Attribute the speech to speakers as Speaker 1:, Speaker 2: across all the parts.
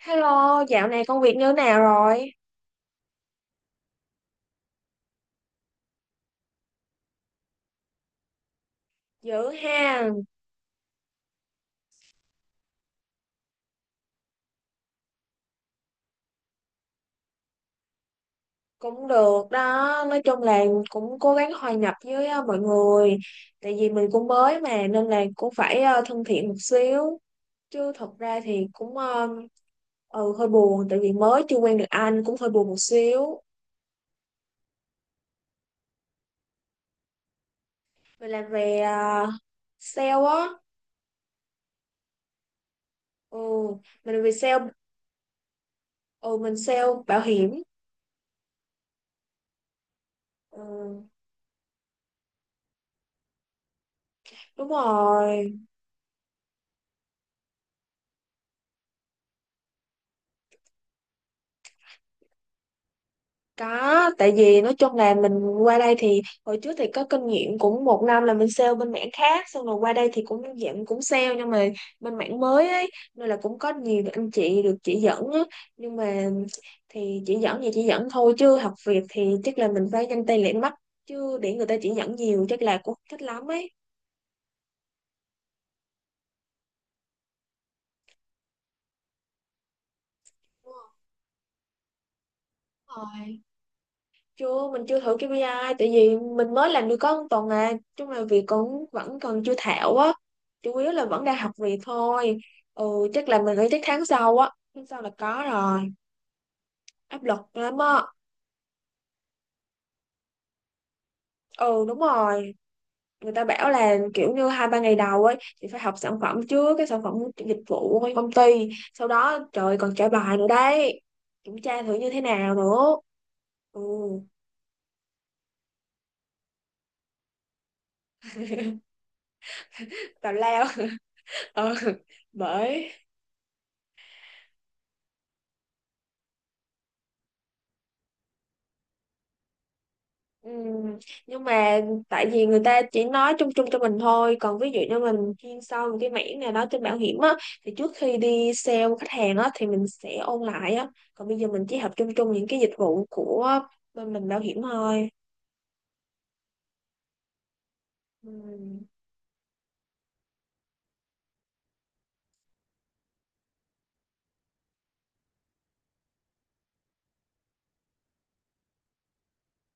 Speaker 1: Hello, dạo này công việc như thế nào rồi? Dữ ha, cũng được đó. Nói chung là cũng cố gắng hòa nhập với mọi người. Tại vì mình cũng mới mà nên là cũng phải thân thiện một xíu. Chứ thật ra thì hơi buồn tại vì mới chưa quen được anh cũng hơi buồn một xíu. Mình làm về sale á. Ừ, mình làm về sale, ừ, mình sale bảo hiểm. Ừ, đúng rồi. Có, tại vì nói chung là mình qua đây thì hồi trước thì có kinh nghiệm cũng một năm là mình sale bên mảng khác, xong rồi qua đây thì cũng dạng cũng sale, nhưng mà bên mảng mới ấy nên là cũng có nhiều anh chị được chỉ dẫn á. Nhưng mà thì chỉ dẫn thôi, chứ học việc thì chắc là mình phải nhanh tay lẹ mắt, chứ để người ta chỉ dẫn nhiều chắc là cũng thích lắm ấy. Đúng rồi. Chưa, mình chưa thử KPI tại vì mình mới làm được có một tuần à, chung là việc cũng vẫn còn chưa thạo á, chủ yếu là vẫn đang học việc thôi. Ừ, chắc là mình nghĩ chắc tháng sau á, tháng sau là có rồi, áp lực lắm á. Ừ đúng rồi, người ta bảo là kiểu như hai ba ngày đầu ấy thì phải học sản phẩm trước, cái sản phẩm dịch vụ của công ty, sau đó trời ơi, còn trả bài nữa đấy, kiểm tra thử như thế nào nữa. Ừ, tào lao. Ừ, bởi. Ừ, nhưng mà tại vì người ta chỉ nói chung chung cho mình thôi, còn ví dụ như mình chuyên sâu một cái mảng nào đó trên bảo hiểm á, thì trước khi đi sale khách hàng á thì mình sẽ ôn lại á, còn bây giờ mình chỉ học chung chung những cái dịch vụ của bên mình bảo hiểm thôi. Ừ.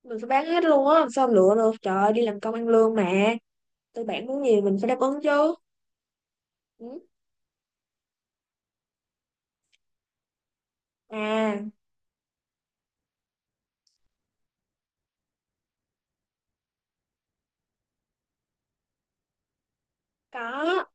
Speaker 1: Mình phải bán hết luôn á, làm sao lựa được, trời ơi, đi làm công ăn lương mà, tư bản muốn gì mình phải đáp ứng chứ. Ừ. À, có.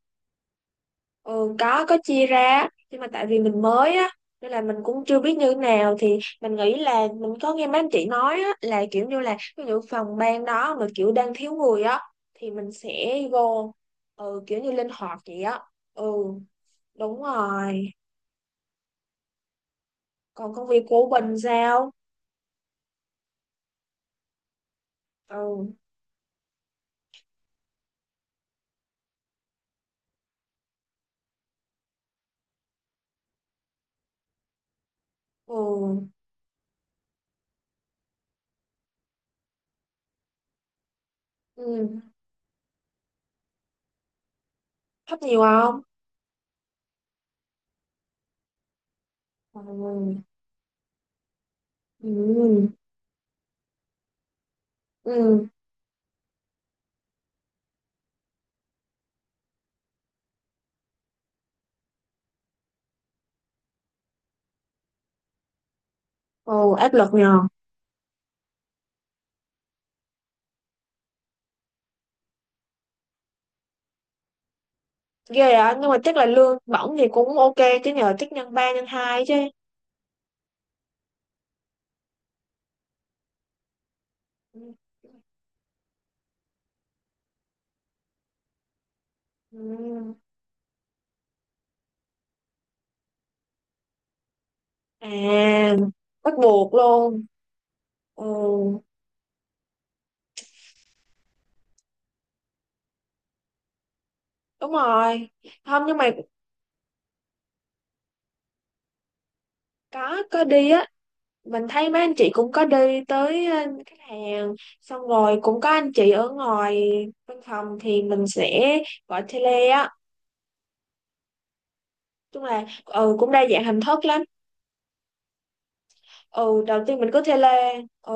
Speaker 1: Ừ, có chia ra nhưng mà tại vì mình mới á, nên là mình cũng chưa biết như thế nào, thì mình nghĩ là mình có nghe mấy anh chị nói á, là kiểu như là ví dụ phòng ban đó mà kiểu đang thiếu người á thì mình sẽ vô, ừ, kiểu như linh hoạt vậy á. Ừ đúng rồi, còn công việc của Bình sao? Ừ. Ừ. Ừ, thấp nhiều không? Ừ. Ừ. Ừ. Ừ, áp lực nhờ. Ghê á, nhưng mà chắc là lương bổng thì cũng ok chứ nhờ, chắc nhân ba nhân hai chứ. Ừ. Ừ. À, bắt buộc luôn. Ừ, đúng rồi. Không, nhưng mà có đi á, mình thấy mấy anh chị cũng có đi tới khách hàng, xong rồi cũng có anh chị ở ngoài văn phòng thì mình sẽ gọi tele á. Chung là ừ cũng đa dạng hình thức lắm. Ừ đầu tiên mình có tele. Ừ,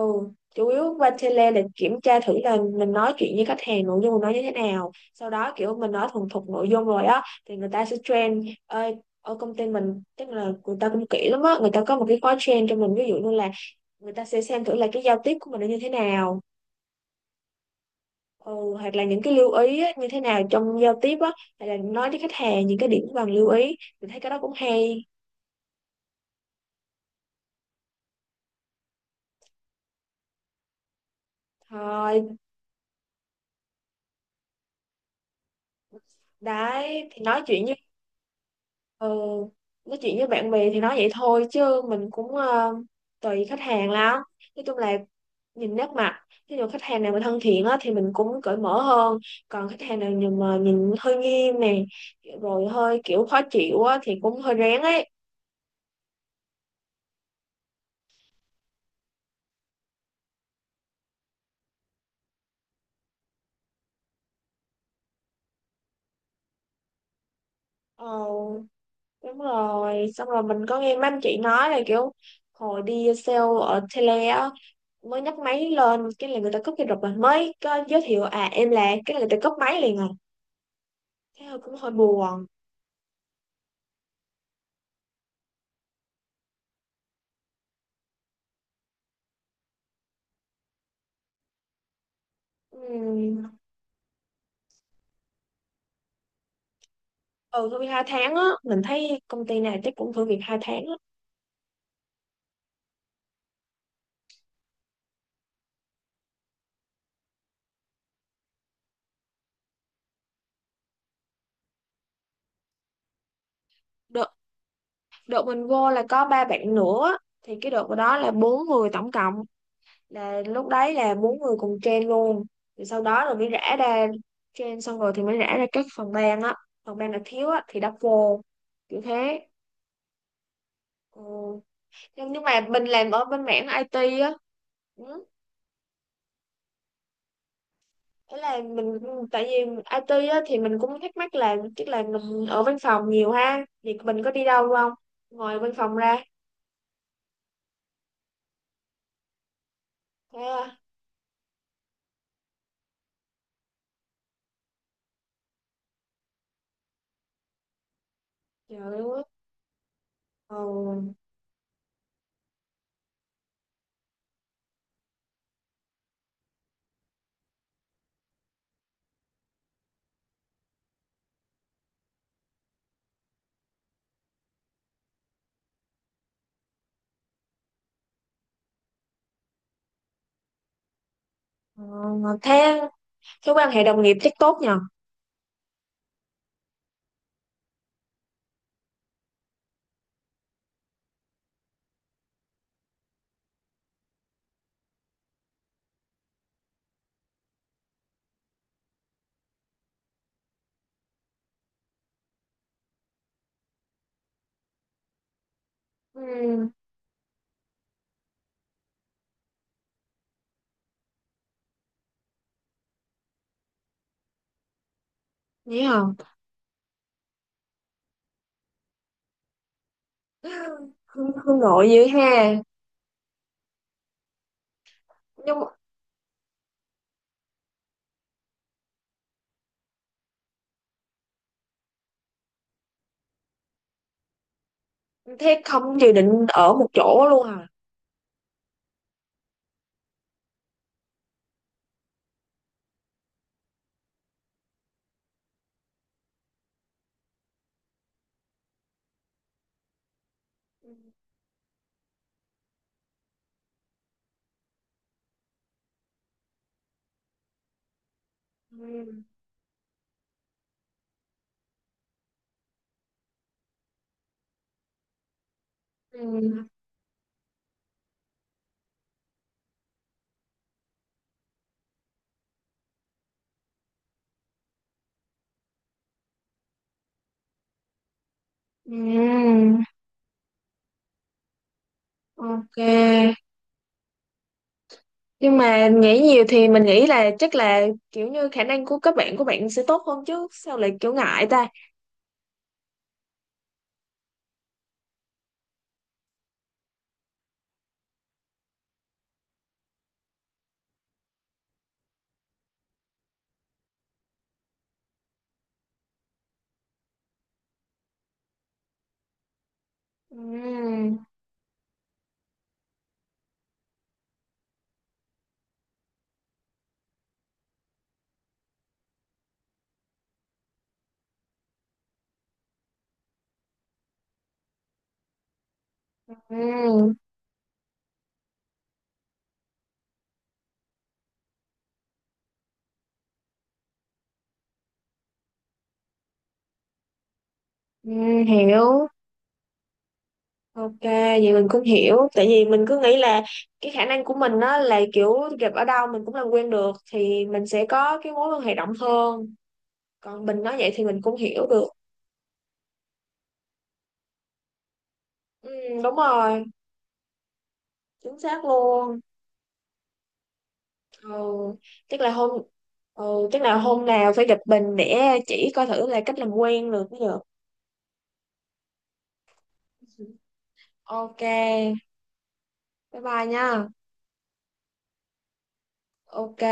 Speaker 1: chủ yếu qua tele là kiểm tra thử là mình nói chuyện với khách hàng, nội dung mình nói như thế nào, sau đó kiểu mình nói thuần thục nội dung rồi á thì người ta sẽ train. Ơi ở công ty mình, tức là người ta cũng kỹ lắm á, người ta có một cái khóa train cho mình, ví dụ như là người ta sẽ xem thử là cái giao tiếp của mình nó như thế nào, ừ, hoặc là những cái lưu ý á, như thế nào trong giao tiếp á, hay là nói với khách hàng những cái điểm cần lưu ý, mình thấy cái đó cũng hay. Thôi đấy thì nói chuyện. Ừ, nói chuyện với bạn bè thì nói vậy thôi chứ mình cũng tùy khách hàng lắm, nói chung là nhìn nét mặt, ví dụ khách hàng nào mà thân thiện á, thì mình cũng cởi mở hơn, còn khách hàng nào nhìn mà nhìn hơi nghiêm nè, rồi hơi kiểu khó chịu á, thì cũng hơi rén ấy. Ờ, đúng rồi, xong rồi mình có nghe mấy anh chị nói là kiểu hồi đi sale ở tele á, mới nhấc máy lên cái là người ta cúp cái rụp, rồi mới có giới thiệu à em là cái là người ta cúp máy liền rồi, thế hơi cũng hơi buồn. Ừ. Ừ, tôi hai tháng á, mình thấy công ty này chắc cũng thử việc hai tháng á. Đợt, đợt mình vô là có ba bạn nữa á, thì cái đợt đó là bốn người tổng cộng, là lúc đấy là bốn người cùng train luôn. Thì sau đó rồi mới rã ra, train xong rồi thì mới rã ra các phần ban á, phần ban là thiếu á thì đắp vô, kiểu thế. Ừ. Nhưng mà mình làm ở bên mảng IT á. Ừ, thế là mình, tại vì IT á, thì mình cũng thắc mắc là tức là mình ở văn phòng nhiều ha thì mình có đi đâu không, ngoài văn phòng ra. Thế à, trời ơi. Ờ, ờ, thế. Thế quan hệ đồng nghiệp chắc tốt nhờ? Ừ, nghĩ không. Hương, Hương nội dữ ha. Nhưng mà thế không dự định ở một chỗ luôn à? Ừ. Ừ. Ừ. Ừ. Ok, nhưng mà nghĩ nhiều thì mình nghĩ là chắc là kiểu như khả năng của các bạn của bạn sẽ tốt hơn chứ, sao lại kiểu ngại ta. Ừm. Ừm. Ừm, hiểu. Ok, vậy mình cũng hiểu, tại vì mình cứ nghĩ là cái khả năng của mình á là kiểu gặp ở đâu mình cũng làm quen được, thì mình sẽ có cái mối quan hệ rộng hơn, còn mình nói vậy thì mình cũng hiểu được. Đúng rồi. Chính xác luôn. Ừ, chắc là hôm, chắc là hôm nào phải gặp mình để chỉ coi thử là cách làm quen được bây giờ. Ok, bye bye nha. Ok.